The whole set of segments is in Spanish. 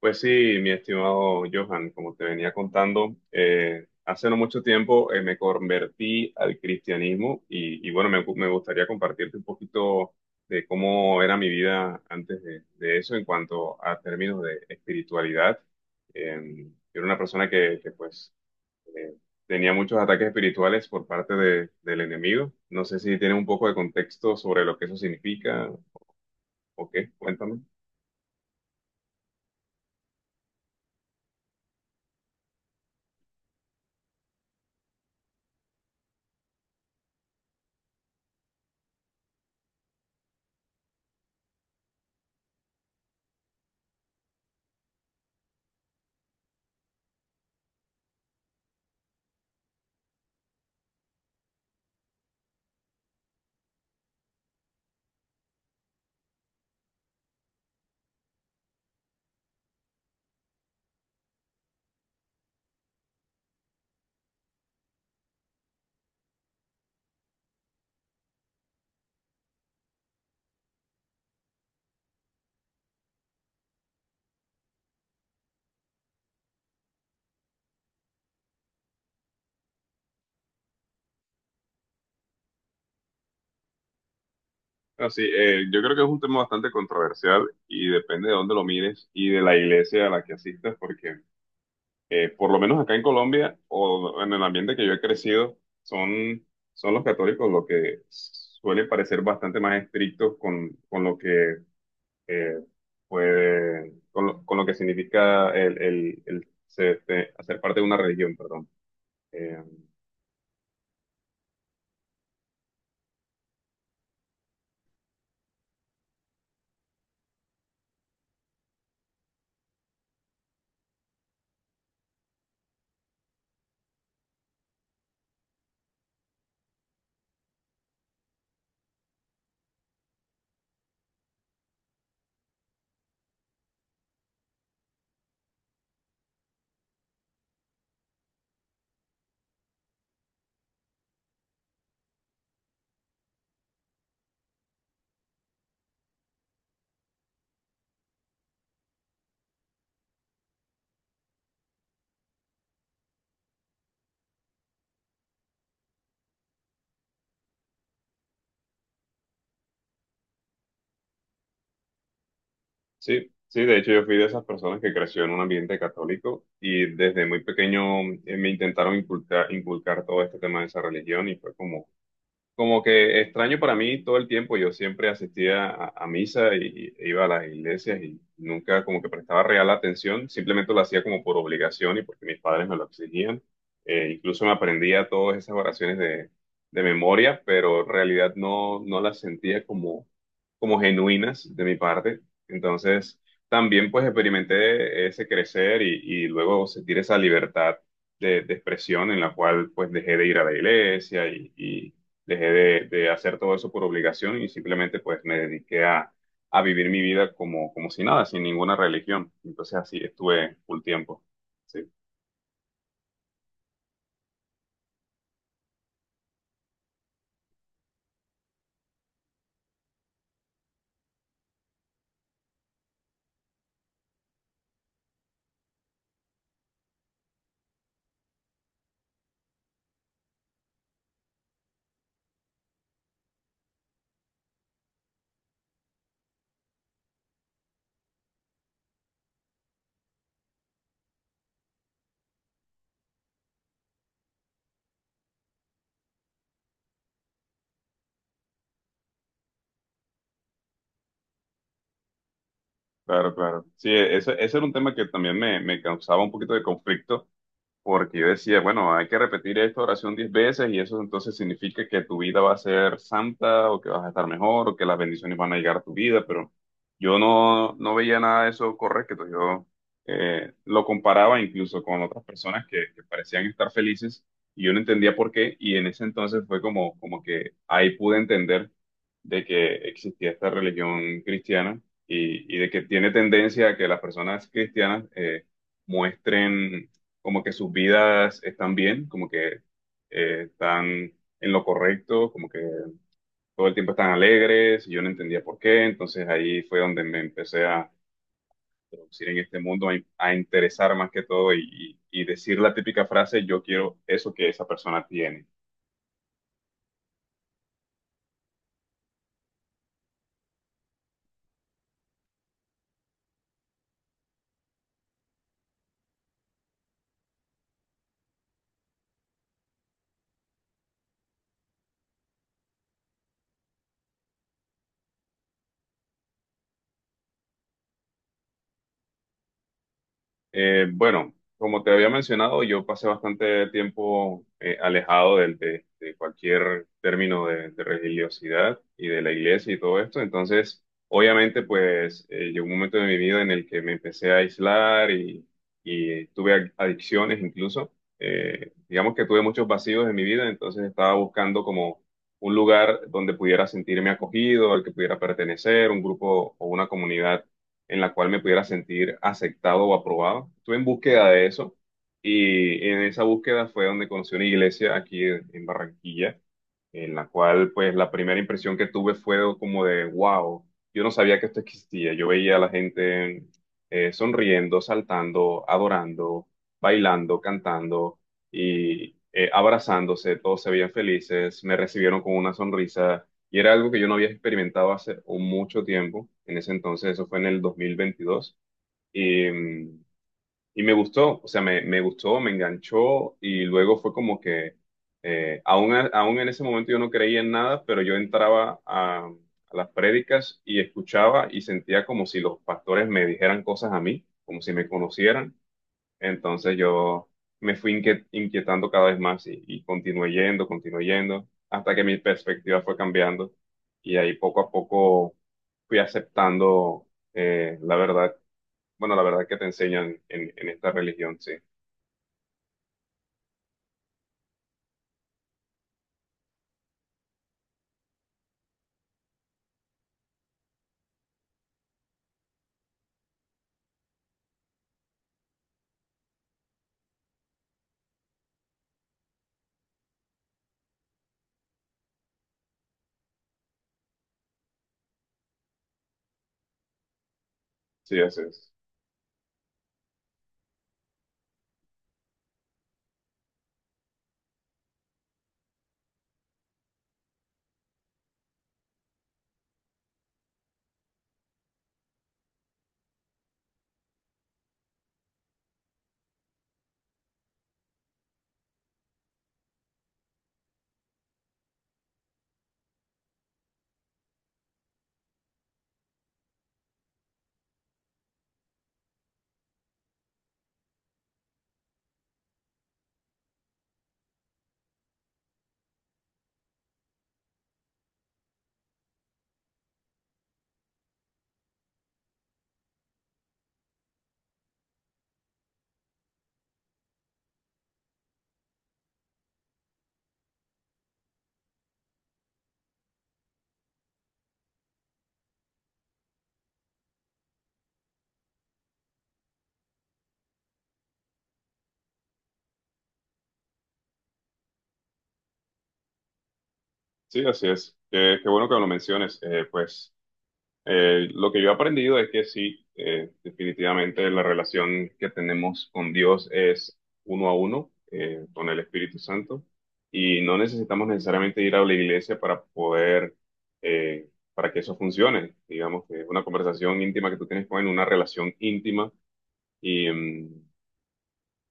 Pues sí, mi estimado Johan, como te venía contando, hace no mucho tiempo me convertí al cristianismo y bueno, me gustaría compartirte un poquito de cómo era mi vida antes de eso en cuanto a términos de espiritualidad. Eh, yo era una persona pues eh, tenía muchos ataques espirituales por del enemigo. No sé si tienes un poco de contexto sobre lo que eso significa o qué, cuéntame. Así, yo creo que es un tema bastante controversial y depende de dónde lo mires y de la iglesia a la que asistas, porque por lo menos acá en Colombia o en el ambiente que yo he crecido, son, son los católicos los que suelen parecer bastante más estrictos con lo que eh, con lo que significa el ser, este, hacer parte de una religión, perdón. Eh, Sí, sí, de hecho yo fui de esas personas que creció en un ambiente católico y desde muy pequeño me intentaron inculcar todo este tema de esa religión y fue como como que extraño para mí todo el tiempo. Yo siempre asistía a misa y iba a las iglesias y nunca como que prestaba real atención, simplemente lo hacía como por obligación y porque mis padres me lo exigían. Incluso me aprendía todas esas oraciones de memoria, pero en realidad no las sentía como, como genuinas de mi parte. Entonces también pues experimenté ese crecer y luego sentir esa libertad de expresión en la cual pues dejé de ir a la iglesia dejé de hacer todo eso por obligación y simplemente pues me dediqué a vivir mi vida como, como si nada, sin ninguna religión. Entonces así estuve full tiempo. Sí, claro, claro. Sí, ese, ese era un tema que también me causaba un poquito de conflicto porque yo decía, bueno, hay que repetir esta oración diez veces y eso entonces significa que tu vida va a ser santa o que vas a estar mejor o que las bendiciones van a llegar a tu vida, pero yo no veía nada de eso correcto. Yo lo comparaba incluso con otras personas que parecían estar felices y yo no entendía por qué, y en ese entonces fue como, como que ahí pude entender de que existía esta religión cristiana y de que tiene tendencia a que las personas cristianas... muestren como que sus vidas están bien, como que están en lo correcto, como que todo el tiempo están alegres, y yo no entendía por qué, entonces ahí fue donde me empecé a introducir en este mundo, a interesar más que todo y decir la típica frase: yo quiero eso que esa persona tiene. Bueno, como te había mencionado, yo pasé bastante tiempo alejado de cualquier término de religiosidad y de la iglesia y todo esto. Entonces, obviamente, pues llegó un momento de mi vida en el que me empecé a aislar y tuve adicciones incluso. Digamos que tuve muchos vacíos en mi vida, entonces estaba buscando como un lugar donde pudiera sentirme acogido, al que pudiera pertenecer, un grupo o una comunidad en la cual me pudiera sentir aceptado o aprobado. Estuve en búsqueda de eso y en esa búsqueda fue donde conocí una iglesia aquí en Barranquilla, en la cual pues la primera impresión que tuve fue como de wow, yo no sabía que esto existía, yo veía a la gente sonriendo, saltando, adorando, bailando, cantando y abrazándose, todos se veían felices, me recibieron con una sonrisa y era algo que yo no había experimentado hace mucho tiempo. En ese entonces eso fue en el 2022 y... mm, y me gustó, o sea, me gustó, me enganchó y luego fue como que, aún en ese momento yo no creía en nada, pero yo entraba a las prédicas y escuchaba y sentía como si los pastores me dijeran cosas a mí, como si me conocieran. Entonces yo me fui inquietando cada vez más y continué yendo, hasta que mi perspectiva fue cambiando y ahí poco a poco fui aceptando la verdad, bueno, la verdad que te enseñan en esta religión, sí, sí, así es. Sí, así es. Qué, qué bueno que lo menciones. Lo que yo he aprendido es que sí, definitivamente la relación que tenemos con Dios es uno a uno, con el Espíritu Santo, y no necesitamos necesariamente ir a la iglesia para poder, eh, para que eso funcione. Digamos que es una conversación íntima que tú tienes con él, una relación íntima, y, mm,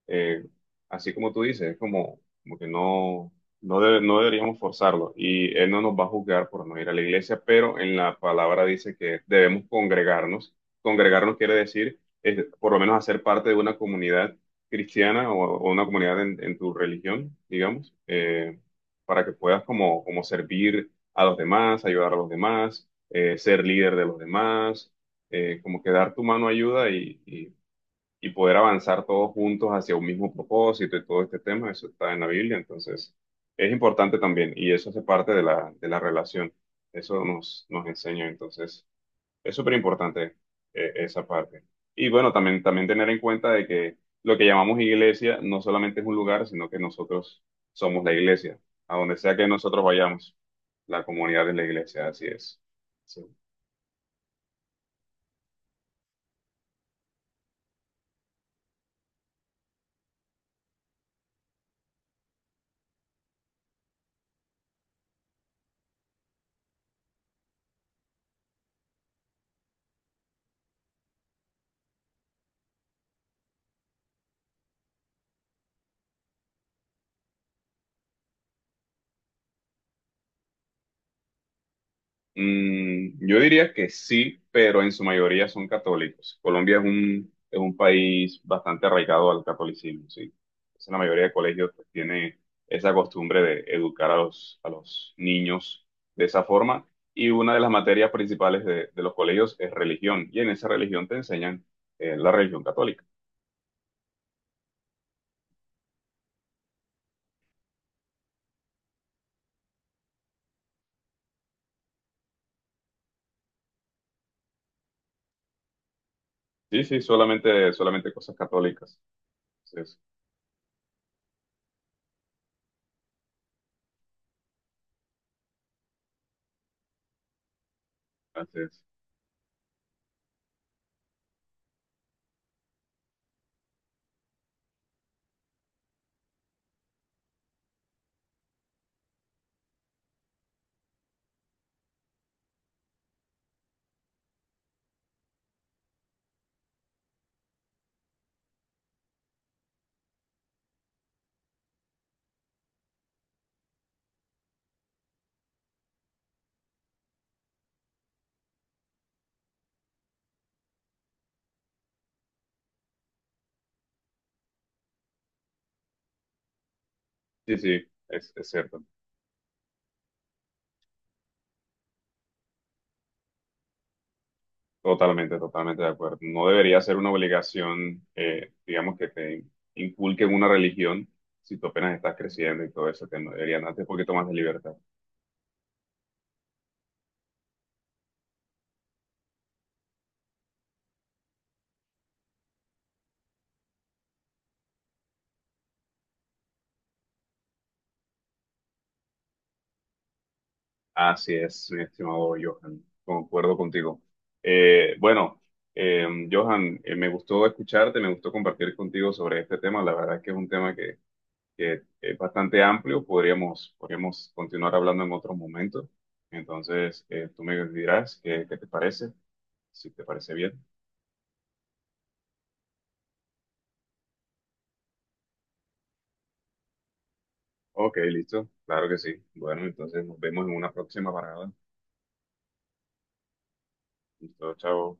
eh, así como tú dices, es como, como que no, no deberíamos forzarlo y Él no nos va a juzgar por no ir a la iglesia, pero en la palabra dice que debemos congregarnos. Congregarnos quiere decir, por lo menos hacer parte de una comunidad cristiana o una comunidad en tu religión, digamos, para que puedas como, como servir a los demás, ayudar a los demás, ser líder de los demás, como que dar tu mano ayuda y poder avanzar todos juntos hacia un mismo propósito y todo este tema. Eso está en la Biblia, entonces es importante también y eso hace parte de de la relación, eso nos enseña, entonces es súper importante esa parte. Y bueno, también, también tener en cuenta de que lo que llamamos iglesia no solamente es un lugar, sino que nosotros somos la iglesia, a donde sea que nosotros vayamos, la comunidad es la iglesia, así es. Sí. Yo diría que sí, pero en su mayoría son católicos. Colombia es un país bastante arraigado al catolicismo, sí. Entonces, la mayoría de colegios pues, tiene esa costumbre de educar a los niños de esa forma. Y una de las materias principales de los colegios es religión. Y en esa religión te enseñan la religión católica. Sí, sí, solamente, solamente cosas católicas. Entonces, entonces, sí, sí, es cierto. Totalmente, totalmente de acuerdo. No debería ser una obligación, digamos, que te inculquen una religión si tú apenas estás creciendo y todo ese tema. Deberían darte un poquito más de libertad. Así es, mi estimado Johan. Concuerdo contigo. Eh, bueno, Johan, me gustó escucharte, me gustó compartir contigo sobre este tema. La verdad es que es un tema que es bastante amplio. Podríamos, podríamos continuar hablando en otro momento. Entonces, tú me dirás qué, qué te parece, si te parece bien. Ok, listo. Claro que sí. Bueno, entonces nos vemos en una próxima parada. Listo, chao.